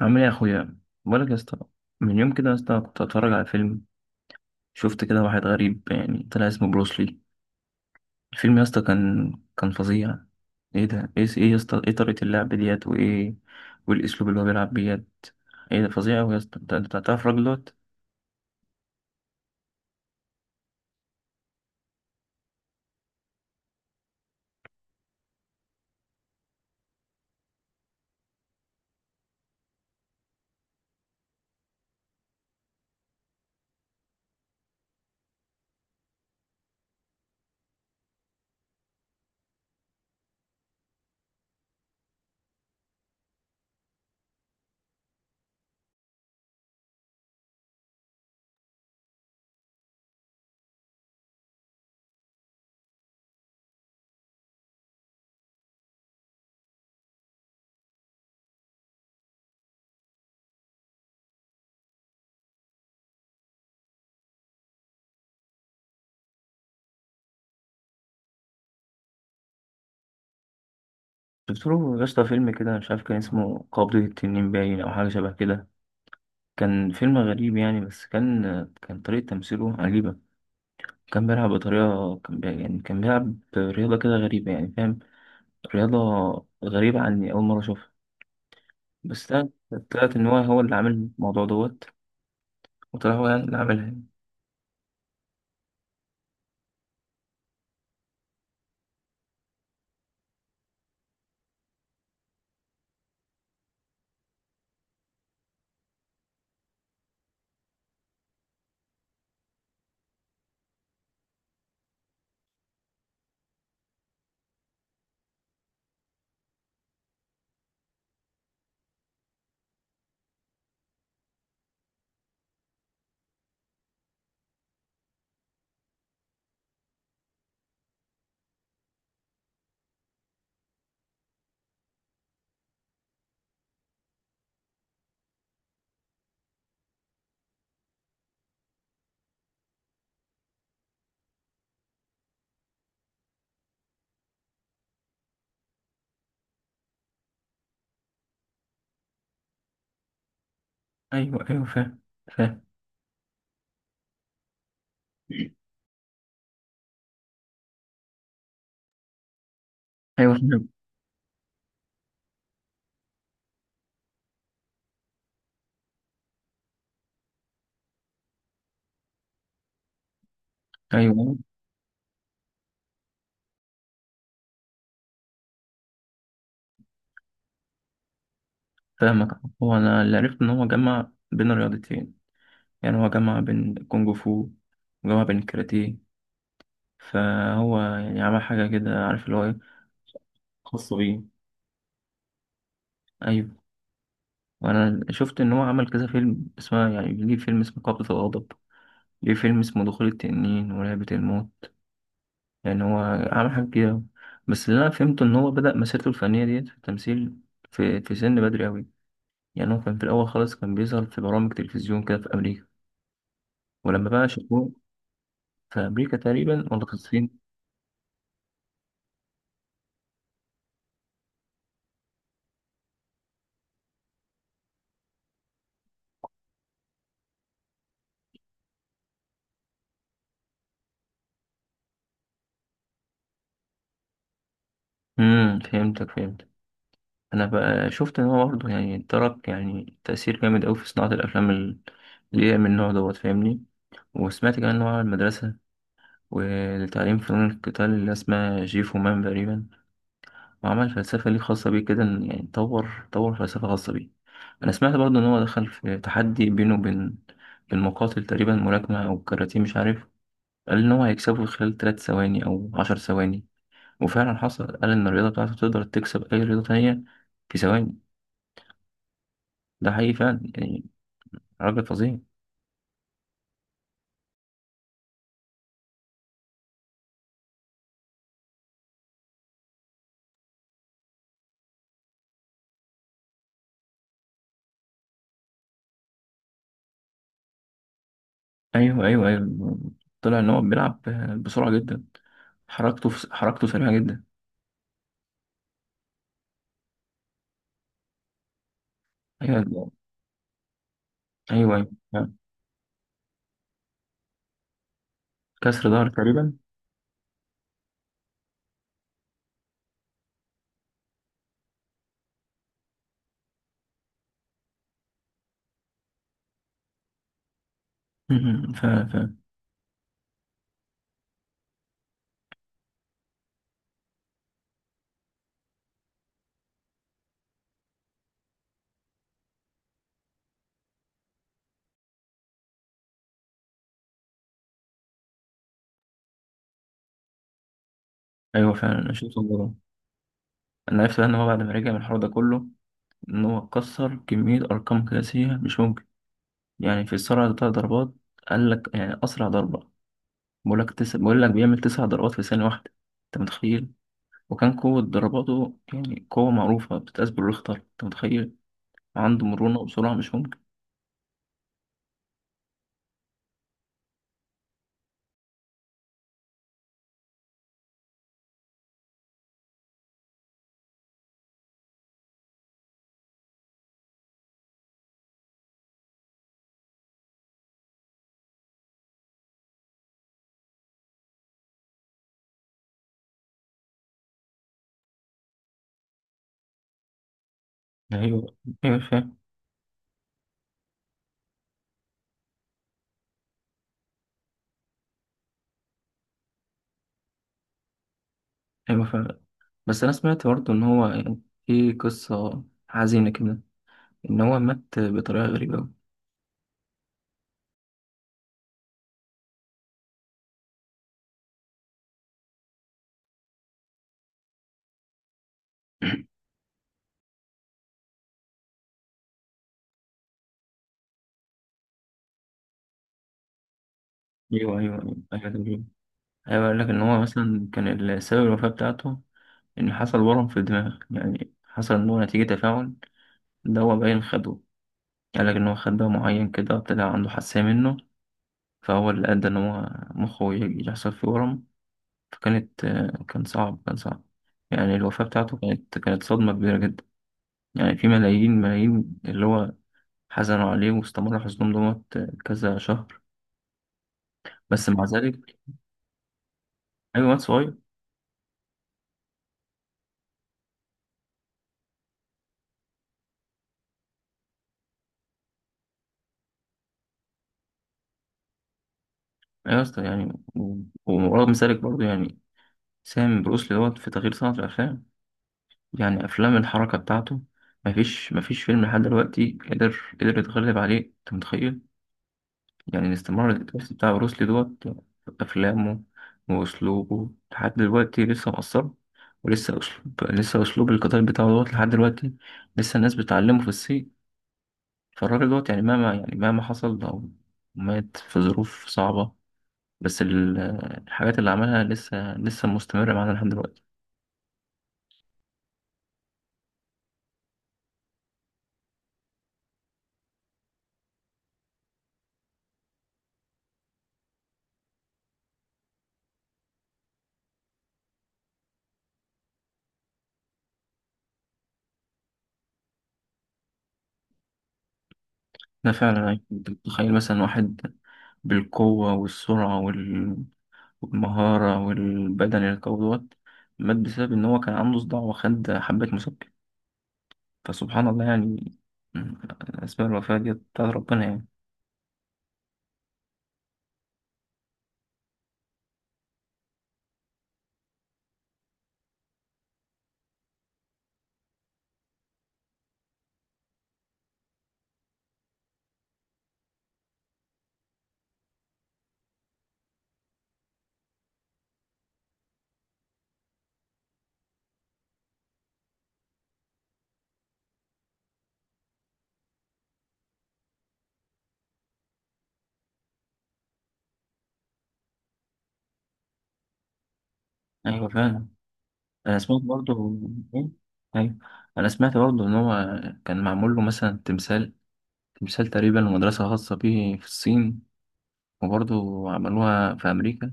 عامل ايه يا اخويا؟ بقولك يا اسطى، من يوم كده يا اسطى كنت اتفرج على فيلم. شفت كده واحد غريب يعني، طلع اسمه بروسلي. الفيلم يا اسطى كان فظيع. ايه ده، ايه يا اسطى، ايه طريقة اللعب ديت وايه والاسلوب اللي هو بيلعب بيت؟ ايه ده فظيع اوي يا اسطى، انت تعرف الراجل دوت؟ شفت له يا اسطى فيلم كده، مش عارف كان اسمه قبضة التنين باين او حاجة شبه كده. كان فيلم غريب يعني، بس كان طريقة تمثيله عجيبة. كان بيلعب بطريقة، يعني كان بيلعب رياضة كده غريبة يعني، فاهم؟ رياضة غريبة عني، أول مرة أشوفها. بس طلعت، طلعت إن هو اللي عامل الموضوع دوت، وطلع هو يعني اللي عاملها يعني. أيوه أيوه، فاهم فاهم. أيوه فاهم. أيوه فاهمك. هو أنا اللي عرفت إن هو جمع بين الرياضتين، يعني هو جمع بين الكونج فو وجمع بين الكاراتيه، فهو يعني عمل حاجة كده، عارف اللي هو إيه، خاصة بيه. أيوه، وأنا شفت إن هو عمل كذا فيلم اسمه، يعني ليه فيلم اسمه قبضة الغضب، ليه فيلم اسمه دخول التنين ولعبة الموت. يعني هو عمل حاجات كتير أوي. بس اللي أنا فهمته إن هو بدأ مسيرته الفنية ديت في التمثيل في سن بدري أوي. يعني هو كان في الأول خالص كان بيظهر في برامج تلفزيون كده في أمريكا، ولما بقى شافوه، في أمريكا تقريبا ولا في الصين؟ امم، فهمتك فهمتك. أنا بقى شفت إن هو برضه يعني ترك يعني تأثير جامد أوي في صناعة الأفلام اللي هي من النوع دوت، فاهمني؟ وسمعت كمان إن هو على المدرسة ولتعليم فنون القتال اللي اسمها جيفو مان تقريبا، وعمل فلسفة ليه خاصة بيه كده، يعني طور فلسفة خاصة بيه. أنا سمعت برضه إن هو دخل في تحدي بينه وبين، بين مقاتل تقريبا ملاكمة أو كاراتيه مش عارف، قال إن هو هيكسبه خلال تلات ثواني أو عشر ثواني، وفعلا حصل. قال إن الرياضة بتاعته تقدر تكسب أي رياضة تانية في ثواني. ده حقيقي فعلا يعني، راجل فظيع. أيوه أيوه أيوه، طلع إن هو بيلعب بسرعة جدا. حركته سريعة جدا. أيوه أيوه أيوه، كسر ظهر تقريبا. ف... ف... ايوه فعلا، انا شفت الموضوع. انا عرفت بقى ان هو بعد ما رجع من الحوار ده كله، ان هو كسر كميه ارقام قياسيه مش ممكن، يعني في السرعه بتاع ضربات. قال لك يعني اسرع ضربه، بقول لك بيعمل تسع ضربات في ثانيه واحده، انت متخيل؟ وكان قوه ضرباته، يعني قوه معروفه بتتقاس بالريختر، انت متخيل؟ عنده مرونه وسرعه مش ممكن. ايوه ايوه فاهم. ايوه فاهم. بس انا سمعت برضه ان هو يعني في قصه حزينه كده، ان هو مات بطريقه غريبه أوي. ايوه ايوه ايوه، أيوة، أيوة. أيوة، بيقول لك إن هو مثلا كان السبب الوفاة بتاعته إن حصل ورم في الدماغ، يعني حصل إن هو نتيجة تفاعل دواء باين خده. قال لك إن هو خد دواء معين كده طلع عنده حساسية منه، فهو اللي أدى إن هو مخه يحصل فيه ورم. فكانت آه، كان صعب، كان صعب يعني. الوفاة بتاعته كانت صدمة كبيرة جدا. يعني في ملايين ملايين اللي هو حزنوا عليه، واستمر حزنهم دوت آه، كذا شهر. بس مع ذلك، أيوة واد صغير. أيوة يا اسطى، يعني ومرغم ذلك برضه يعني سامي بروسلي دوت في تغيير صناعة الأفلام. يعني أفلام الحركة بتاعته، مفيش فيلم لحد دلوقتي قدر يتغلب عليه، أنت متخيل؟ يعني الاستمرار التمثيل بتاع بروسلي دوت في أفلامه وأسلوبه لحد دلوقتي لسه مؤثر. ولسه أسلوب لسه أسلوب القتال بتاعه دوت لحد دلوقتي، لسه الناس بتعلمه في الصين. فالراجل دوت يعني مهما حصل أو مات في ظروف صعبة، بس الحاجات اللي عملها لسه مستمرة معانا لحد دلوقتي. ده فعلا يعني، أنت بتتخيل مثلا واحد بالقوة والسرعة والمهارة والبدن القوي دوت مات بسبب إن هو كان عنده صداع وخد حبة مسكن؟ فسبحان الله يعني. م- أسباب الوفاة دي بتاعت ربنا يعني. أيوة فعلا، أنا سمعت برضه. إيه؟ أيوة، أنا سمعت برضه إن هو كان معمول له مثلا تمثال، تقريبا مدرسة خاصة بيه في الصين. وبرضه عملوها في أمريكا.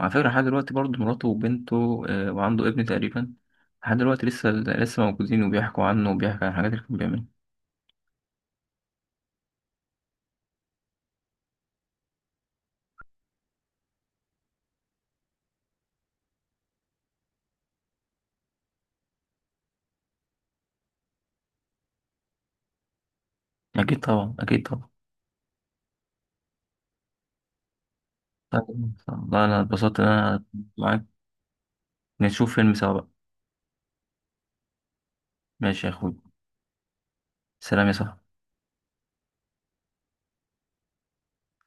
وعلى فكرة لحد دلوقتي برضه مراته وبنته آه، وعنده ابن تقريبا، لحد دلوقتي لسه موجودين وبيحكوا عنه وبيحكوا عن الحاجات اللي كان بيعملها. أكيد طبعا، أكيد طبعا. طيب، والله أنا اتبسطت إن أنا معاك نشوف فيلم سوا بقى. ماشي يا أخوي، سلام يا صاحبي.